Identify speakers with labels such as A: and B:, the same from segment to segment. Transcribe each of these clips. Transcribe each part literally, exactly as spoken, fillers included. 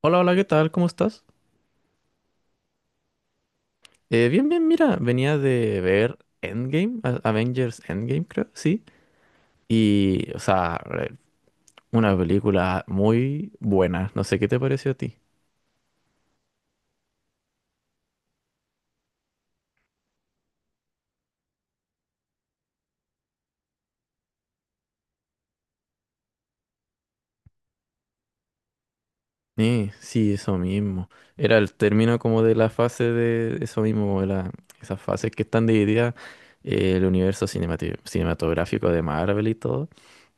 A: Hola, hola, ¿qué tal? ¿Cómo estás? Eh, bien, bien, mira, venía de ver Endgame, A- Avengers Endgame, creo, sí. Y, o sea, re- una película muy buena, no sé qué te pareció a ti. Eh, sí, eso mismo. Era el término como de la fase de eso mismo, de la, esas fases que están divididas, eh, el universo cinemati- cinematográfico de Marvel y todo.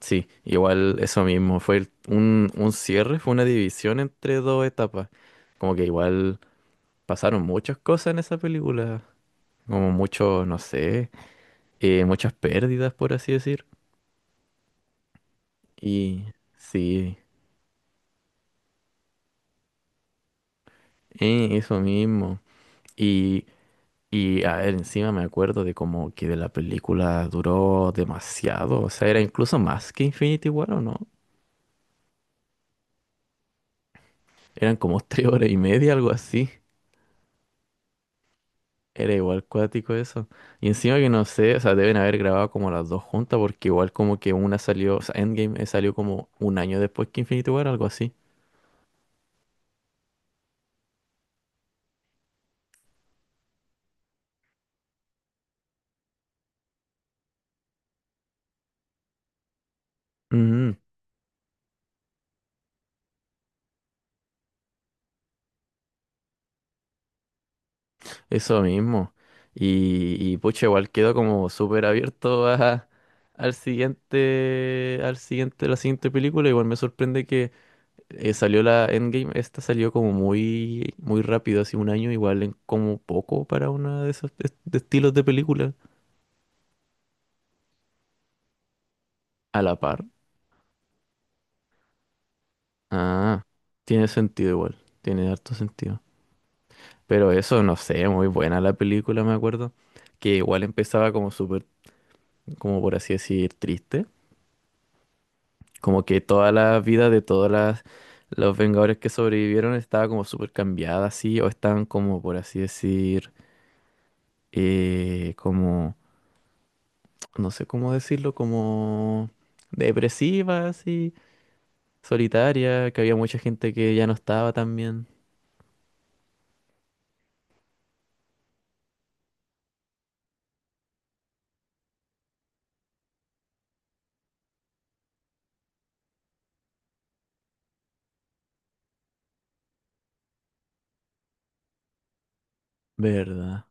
A: Sí, igual eso mismo, fue el- un, un cierre, fue una división entre dos etapas. Como que igual. Pasaron muchas cosas en esa película, como mucho, no sé, eh, muchas pérdidas, por así decir. Y sí, eh, eso mismo. Y, y a ver, encima me acuerdo de como que de la película duró demasiado, o sea, era incluso más que Infinity War, ¿o no? Eran como tres horas y media, algo así. Era igual cuático eso. Y encima que no sé, o sea, deben haber grabado como las dos juntas, porque igual como que una salió, o sea, Endgame eh, salió como un año después que Infinity War, algo así. Ujú. Eso mismo. Y, y pucha, igual quedo como súper abierto a, al siguiente, al siguiente, la siguiente película. Igual me sorprende que eh, salió la Endgame. Esta salió como muy, muy rápido, hace un año, igual en como poco para una de esos est- de estilos de película. A la par. Ah, tiene sentido igual. Tiene harto sentido. Pero eso, no sé, muy buena la película, me acuerdo. Que igual empezaba como súper, como por así decir, triste. Como que toda la vida de todas las los Vengadores que sobrevivieron estaba como súper cambiada así, o estaban como, por así decir, eh, como, no sé cómo decirlo, como depresiva así, solitaria, que había mucha gente que ya no estaba tan bien. ¿Verdad?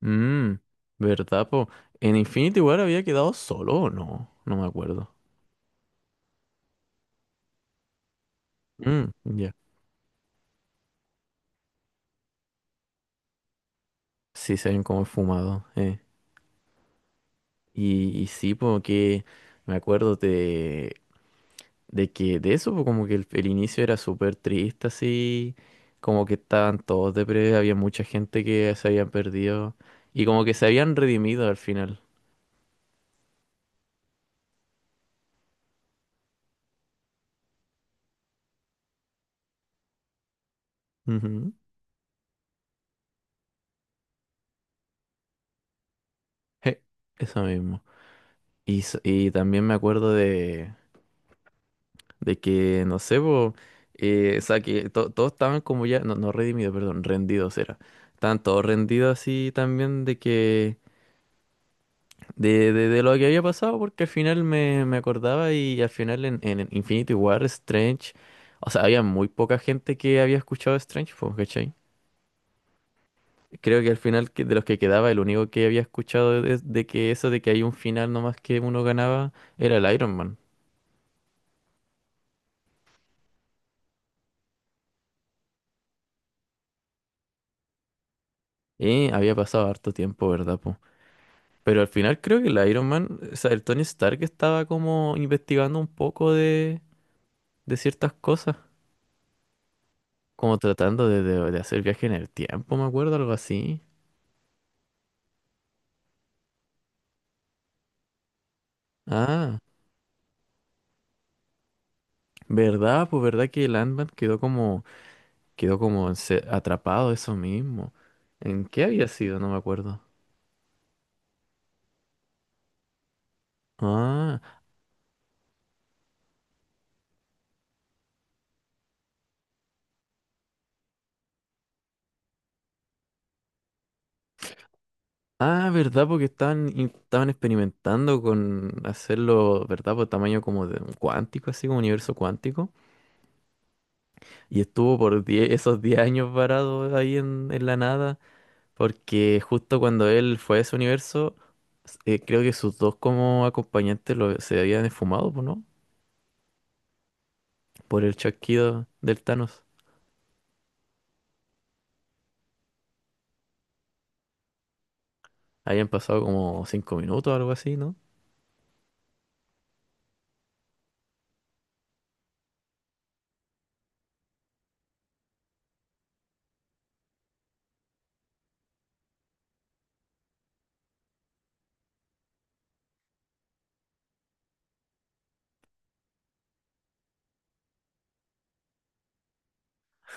A: Mm, ¿Verdad, po? ¿En Infinity War había quedado solo o no? No me acuerdo. Mm, ya. Sí, se ven como fumado, eh. Y, y sí, porque me acuerdo de que de eso, pues, como que el, el inicio era súper triste, así, como que estaban todos deprimidos, había mucha gente que se habían perdido y como que se habían redimido al final. Ujú. Je, eso mismo. Y, s- y también me acuerdo de, de que, no sé, po, eh, o sea, que to- todos estaban como ya, no, no redimidos, perdón, rendidos era. Estaban todos rendidos así también de que de, de, de lo que había pasado, porque al final me, me acordaba y al final en, en Infinity War, Strange, o sea, había muy poca gente que había escuchado Strange, pues, ¿cachai? Creo que al final que- de los que quedaba, el único que había escuchado de, de que eso de que hay un final nomás que uno ganaba era el Iron Man. Y había pasado harto tiempo, ¿verdad, po? Pero al final creo que el Iron Man, o sea, el Tony Stark estaba como investigando un poco de, de ciertas cosas, como tratando de, de de hacer viaje en el tiempo, me acuerdo, algo así. Ah, verdad, pues verdad que Landman quedó como, quedó como ense- atrapado eso mismo. ¿En qué había sido? No me acuerdo. Ah, ah, verdad, porque estaban, in- estaban experimentando con hacerlo, ¿verdad? Por tamaño como de un cuántico, así como universo cuántico. Y estuvo por diez esos diez años varado ahí en, en la nada, porque justo cuando él fue a ese universo, s- eh, creo que sus dos como acompañantes lo, se habían esfumado, pues, ¿no? Por el chasquido del Thanos. Habían pasado como cinco minutos o algo así, ¿no?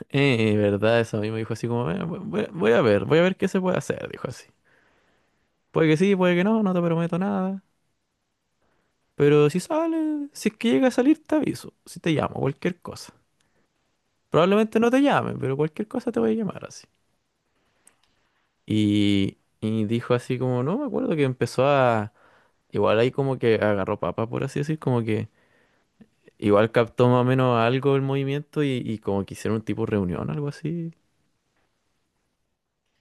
A: Eh, eh, verdad, eso a mí me dijo así como, "Eh, voy, voy- voy a ver, voy a ver qué se puede hacer", dijo así. Puede que sí, puede que no, no te prometo nada. Pero si sale, si es que llega a salir, te aviso. Si te llamo, cualquier cosa. Probablemente no te llame, pero cualquier cosa te voy a llamar así. Y, y dijo así como, no me acuerdo que empezó a. Igual ahí como que agarró papa, por así decir, como que igual captó más o menos algo el movimiento y, y como que hicieron un tipo de reunión, algo así.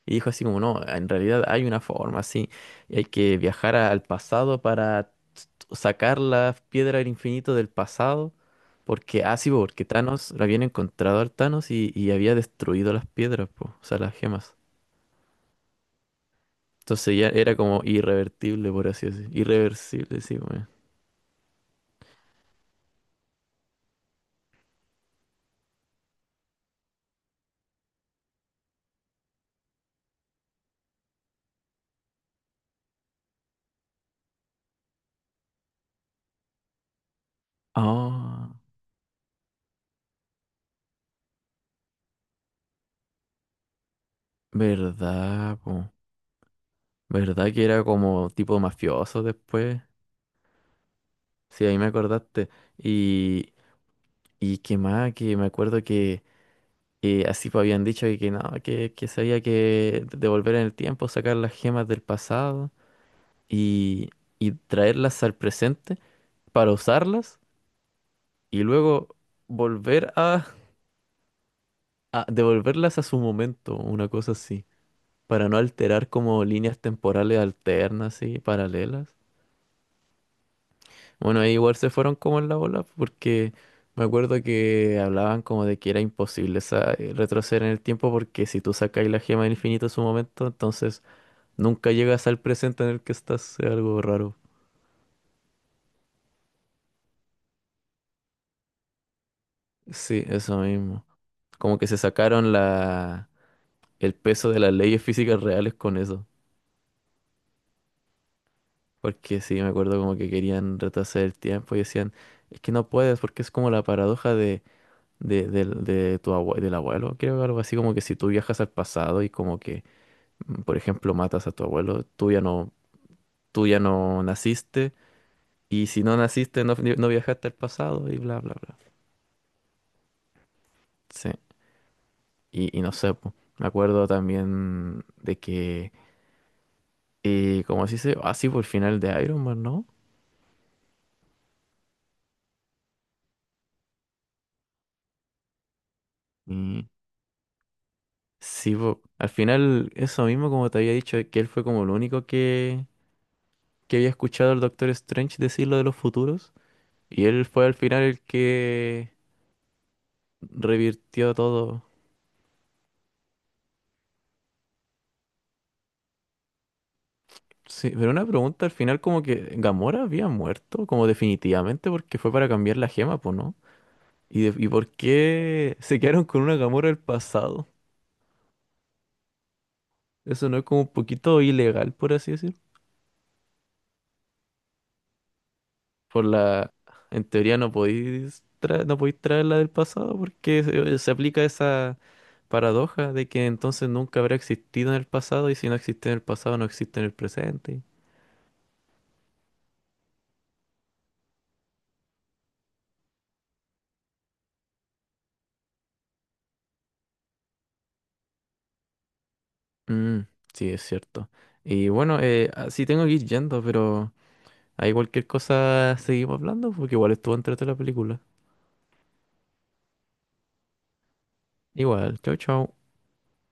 A: Y dijo así como, no, en realidad hay una forma, sí, y hay que viajar a- al pasado para t- sacar la piedra del infinito del pasado, porque, ah, sí, po, porque Thanos, la habían encontrado al Thanos y, y había destruido las piedras, po, o sea, las gemas. Entonces ya era como irrevertible, por así decir. Irreversible, sí, weón. Ah, verdad, po. Verdad que era como tipo mafioso después. Sí, ahí me acordaste. Y, y qué más, que me acuerdo. Y así pues habían dicho que, que no, que, que sabía que devolver en el tiempo, sacar las gemas del pasado y, y traerlas al presente para usarlas y luego volver a, a devolverlas a su momento, una cosa así, para no alterar como líneas temporales alternas y paralelas. Bueno, ahí igual se fueron como en la bola porque me acuerdo que hablaban como de que era imposible sa- retroceder en el tiempo porque si tú sacas la gema del infinito a su momento, entonces nunca llegas al presente en el que estás, es algo raro. Sí, eso mismo. Como que se sacaron la, el peso de las leyes físicas reales con eso. Porque sí, me acuerdo como que querían retrasar el tiempo y decían, es que no puedes porque es como la paradoja de, de, del- de tu abue- del abuelo. Creo que algo así como que si tú viajas al pasado y como que, mm, por ejemplo, matas a tu abuelo, tú ya no, tú ya no naciste y si no naciste no, no viajaste al pasado y bla, bla, bla. Sí. Y, y no sé, po. Me acuerdo también de que, eh, como así se, dice, así por el final de Iron Man, ¿no? Y sí, po. Al final, eso mismo, como te había dicho, que él fue como el único que, que había escuchado al Doctor Strange decir lo de los futuros. Y él fue al final el que revirtió todo. Sí, pero una pregunta, al final como que Gamora había muerto, como definitivamente, porque fue para cambiar la gema, pues, ¿no? ¿Y, de- y por qué se quedaron con una Gamora del pasado? Eso no es como un poquito ilegal, por así decir. Por la, en teoría no podéis traer, no podéis traer la del pasado porque se, se aplica esa paradoja de que entonces nunca habrá existido en el pasado y si no existe en el pasado no existe en el presente. Mm, sí, es cierto. Y bueno, eh, así tengo que ir yendo, pero hay cualquier cosa seguimos hablando porque igual estuvo entrete la película. Igual, chau, chau.